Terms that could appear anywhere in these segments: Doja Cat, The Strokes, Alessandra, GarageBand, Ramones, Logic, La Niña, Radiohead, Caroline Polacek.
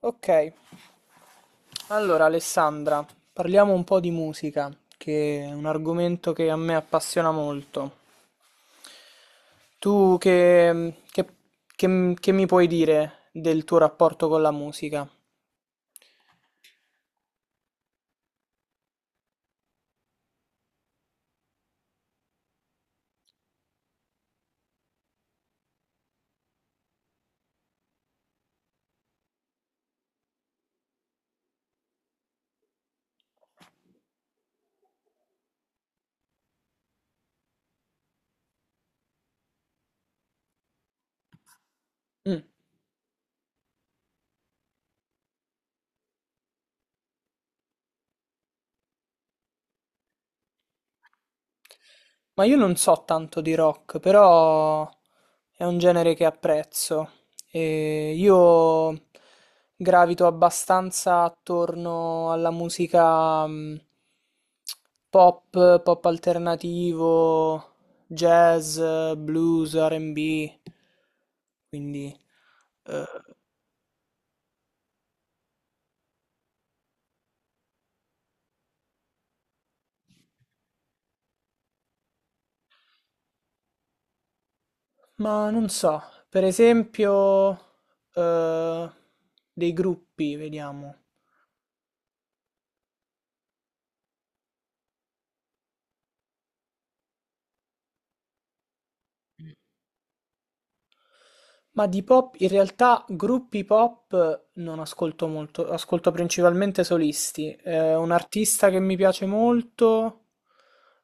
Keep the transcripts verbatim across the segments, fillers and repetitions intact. Ok, allora Alessandra, parliamo un po' di musica, che è un argomento che a me appassiona molto. Tu che, che- che- che mi puoi dire del tuo rapporto con la musica? Mm. Ma io non so tanto di rock, però è un genere che apprezzo. E io gravito abbastanza attorno alla musica mm, pop, pop alternativo, jazz, blues, rhythm and blues, quindi... eh, ma non so, per esempio, eh, dei gruppi, vediamo. Ma di pop, in realtà gruppi pop eh, non ascolto molto, ascolto principalmente solisti. Eh, un artista che mi piace molto,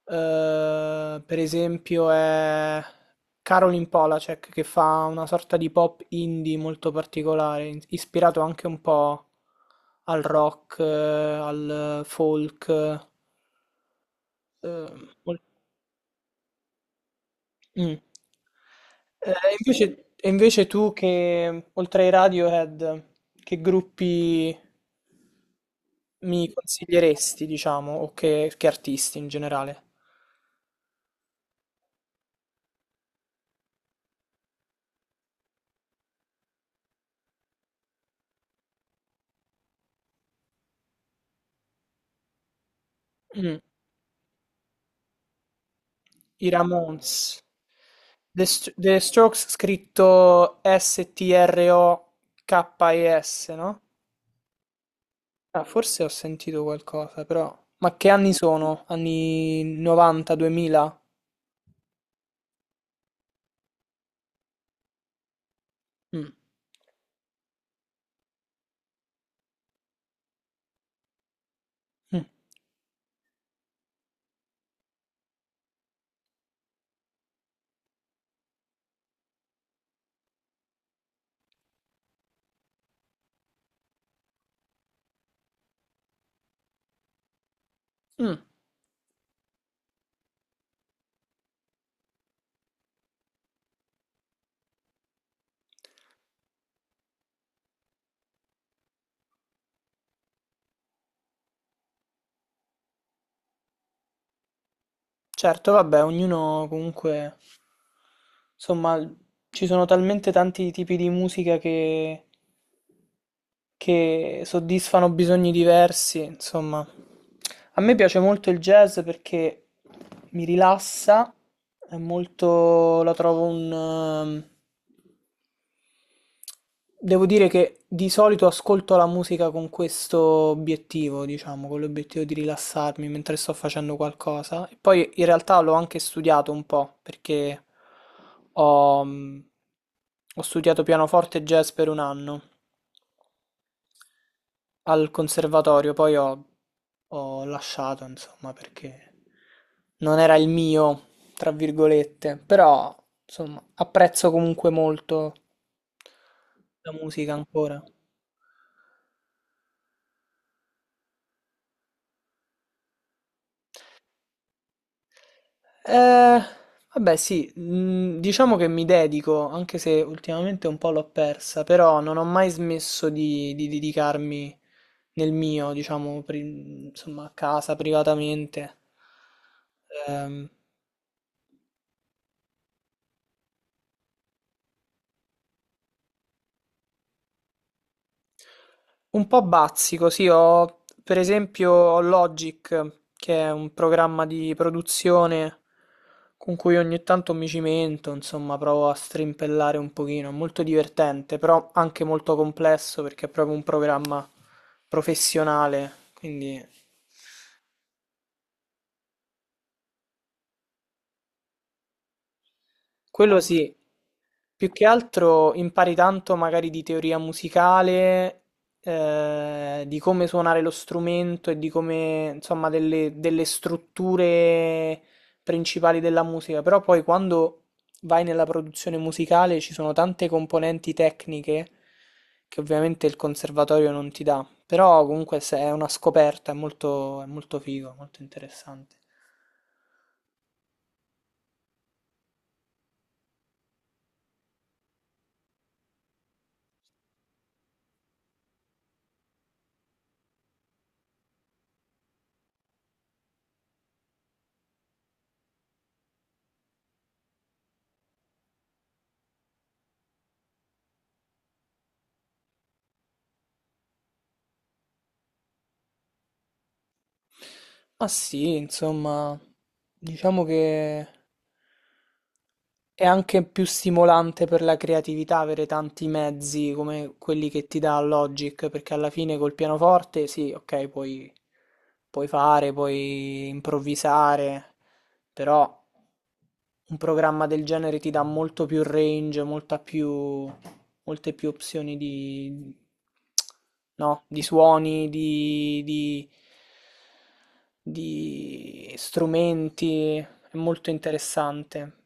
eh, per esempio, è Caroline Polacek, che fa una sorta di pop indie molto particolare, in- ispirato anche un po' al rock, eh, al folk, eh, mol- Mm. Eh, Invece, e invece tu che, oltre ai Radiohead, che gruppi mi consiglieresti, diciamo, o che, che artisti in generale? Mm. I Ramones. The, St- The Strokes scritto S T R O K E S, no? Ah, forse ho sentito qualcosa, però... Ma che anni sono? Anni novanta, duemila? Mm. Mm. Mm. Certo, vabbè, ognuno comunque, insomma, ci sono talmente tanti tipi di musica che, che soddisfano bisogni diversi, insomma. A me piace molto il jazz perché mi rilassa, è molto, la trovo un, ehm, devo dire che di solito ascolto la musica con questo obiettivo, diciamo, con l'obiettivo di rilassarmi mentre sto facendo qualcosa. E poi in realtà l'ho anche studiato un po', perché ho, mh, ho studiato pianoforte e jazz per un anno al conservatorio, poi ho, ho lasciato, insomma, perché non era il mio, tra virgolette, però, insomma, apprezzo comunque molto. La musica ancora. Eh, Vabbè, sì, mm, diciamo che mi dedico, anche se ultimamente un po' l'ho persa, però non ho mai smesso di, di dedicarmi nel mio, diciamo, pri- insomma, a casa, privatamente. Ehm, Un po' bazzico, sì, ho per esempio ho Logic, che è un programma di produzione con cui ogni tanto mi cimento, insomma, provo a strimpellare un pochino, è molto divertente, però anche molto complesso perché è proprio un programma professionale, quindi quello sì. Più che altro impari tanto magari di teoria musicale, eh, di come suonare lo strumento e di come, insomma, delle, delle strutture principali della musica, però poi quando vai nella produzione musicale ci sono tante componenti tecniche che ovviamente il conservatorio non ti dà, però comunque se- è una scoperta, è molto, è molto figo, molto interessante. Ma sì, insomma, diciamo che... È anche più stimolante per la creatività avere tanti mezzi come quelli che ti dà Logic, perché alla fine col pianoforte sì, ok, puoi, puoi fare, puoi improvvisare, però un programma del genere ti dà molto più range, molta più, molte più opzioni di, no, di suoni, di, di, di strumenti, è molto interessante.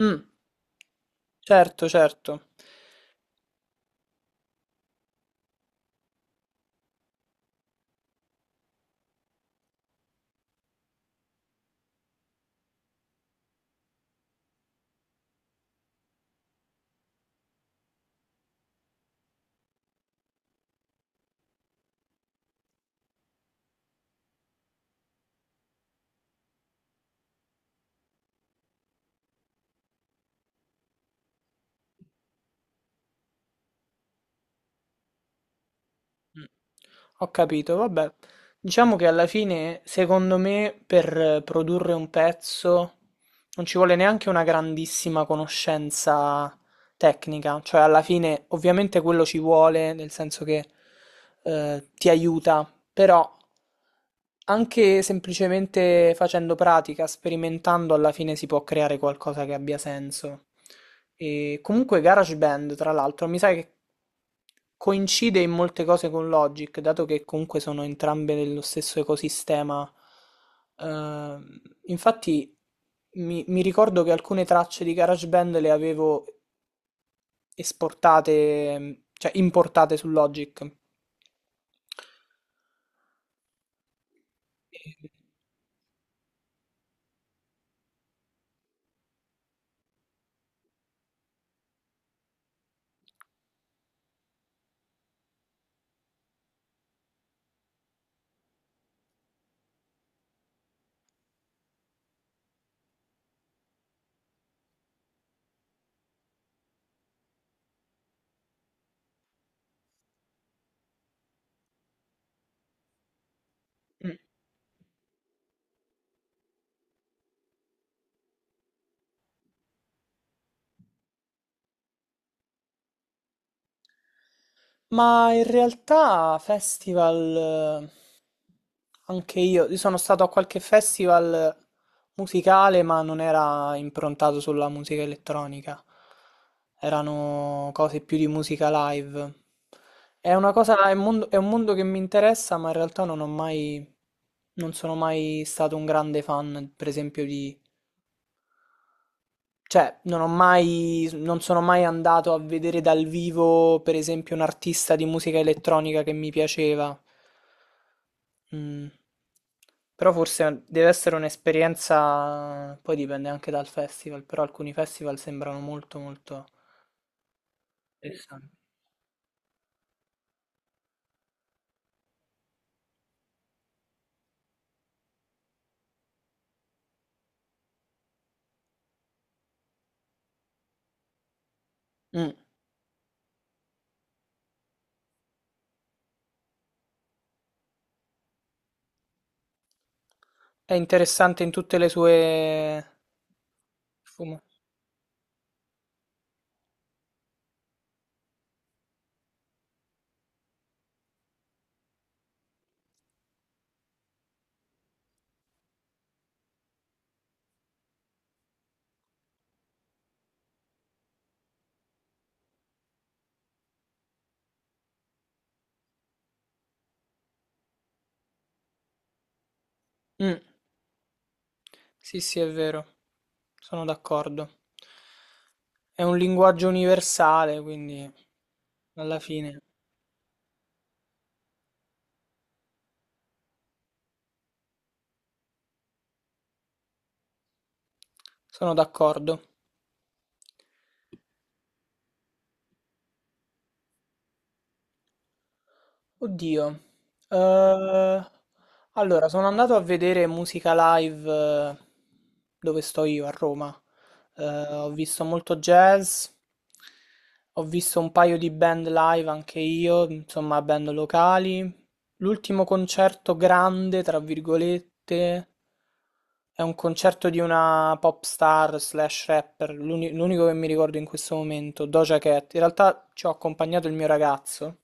Mm. Certo, certo. Mm. Ho capito, vabbè. Diciamo che alla fine, secondo me, per eh, produrre un pezzo non ci vuole neanche una grandissima conoscenza tecnica, cioè alla fine ovviamente quello ci vuole, nel senso che eh, ti aiuta, però anche semplicemente facendo pratica, sperimentando, alla fine si può creare qualcosa che abbia senso. E comunque GarageBand, tra l'altro, mi sa che coincide in molte cose con Logic, dato che comunque sono entrambe nello stesso ecosistema. Ehm, infatti mi, mi ricordo che alcune tracce di GarageBand le avevo esportate, cioè importate su Logic. E- mm, Ma in realtà festival, eh, anche io, io sono stato a qualche festival musicale, ma non era improntato sulla musica elettronica, erano cose più di musica live. È una cosa, è un mondo, è un mondo che mi interessa, ma in realtà non ho mai, non sono mai stato un grande fan, per esempio, di, cioè, non ho mai, non sono mai andato a vedere dal vivo, per esempio, un artista di musica elettronica che mi piaceva. Mm. Però forse deve essere un'esperienza, poi dipende anche dal festival, però alcuni festival sembrano molto molto interessanti. Mm. È interessante in tutte le sue sfumature. Sì, sì, è vero, sono d'accordo. È un linguaggio universale, quindi alla fine sono d'accordo. Oddio. Eh, allora, sono andato a vedere musica live eh, dove sto io, a Roma. Eh, ho visto molto jazz, ho visto un paio di band live anche io, insomma, band locali. L'ultimo concerto grande, tra virgolette, è un concerto di una pop star slash rapper, l'uni- l'unico che mi ricordo in questo momento, Doja Cat. In realtà ci ho accompagnato il mio ragazzo.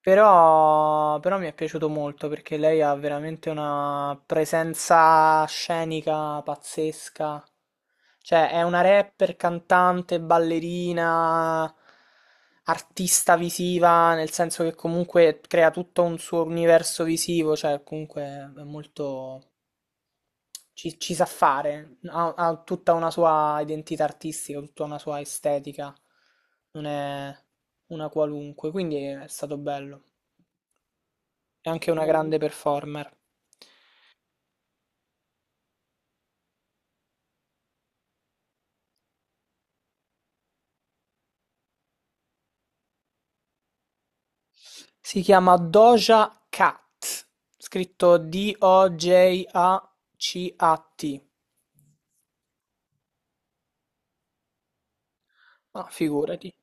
Però, però mi è piaciuto molto perché lei ha veramente una presenza scenica pazzesca. Cioè, è una rapper, cantante, ballerina, artista visiva, nel senso che comunque crea tutto un suo universo visivo, cioè comunque è molto... ci, ci sa fare, ha, ha tutta una sua identità artistica, tutta una sua estetica, non è una qualunque, quindi è stato bello. È anche una Mm. grande performer. Si chiama Doja Cat, scritto D O J A C A T. Ah, figurati.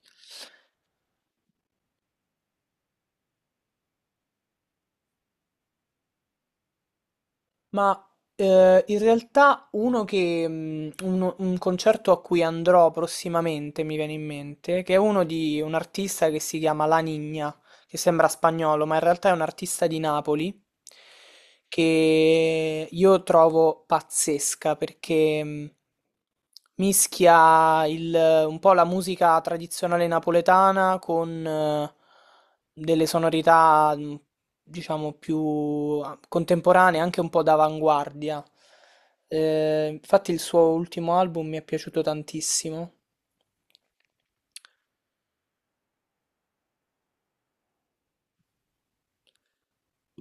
Ma eh, in realtà uno che, mm, uno- un, concerto a cui andrò prossimamente mi viene in mente, che è uno di un artista che si chiama La Niña, che sembra spagnolo, ma in realtà è un artista di Napoli, che io trovo pazzesca perché mm, mischia il, un po' la musica tradizionale napoletana con eh, delle sonorità mm, diciamo, più ah, contemporanee, anche un po' d'avanguardia. Eh, infatti il suo ultimo album mi è piaciuto tantissimo.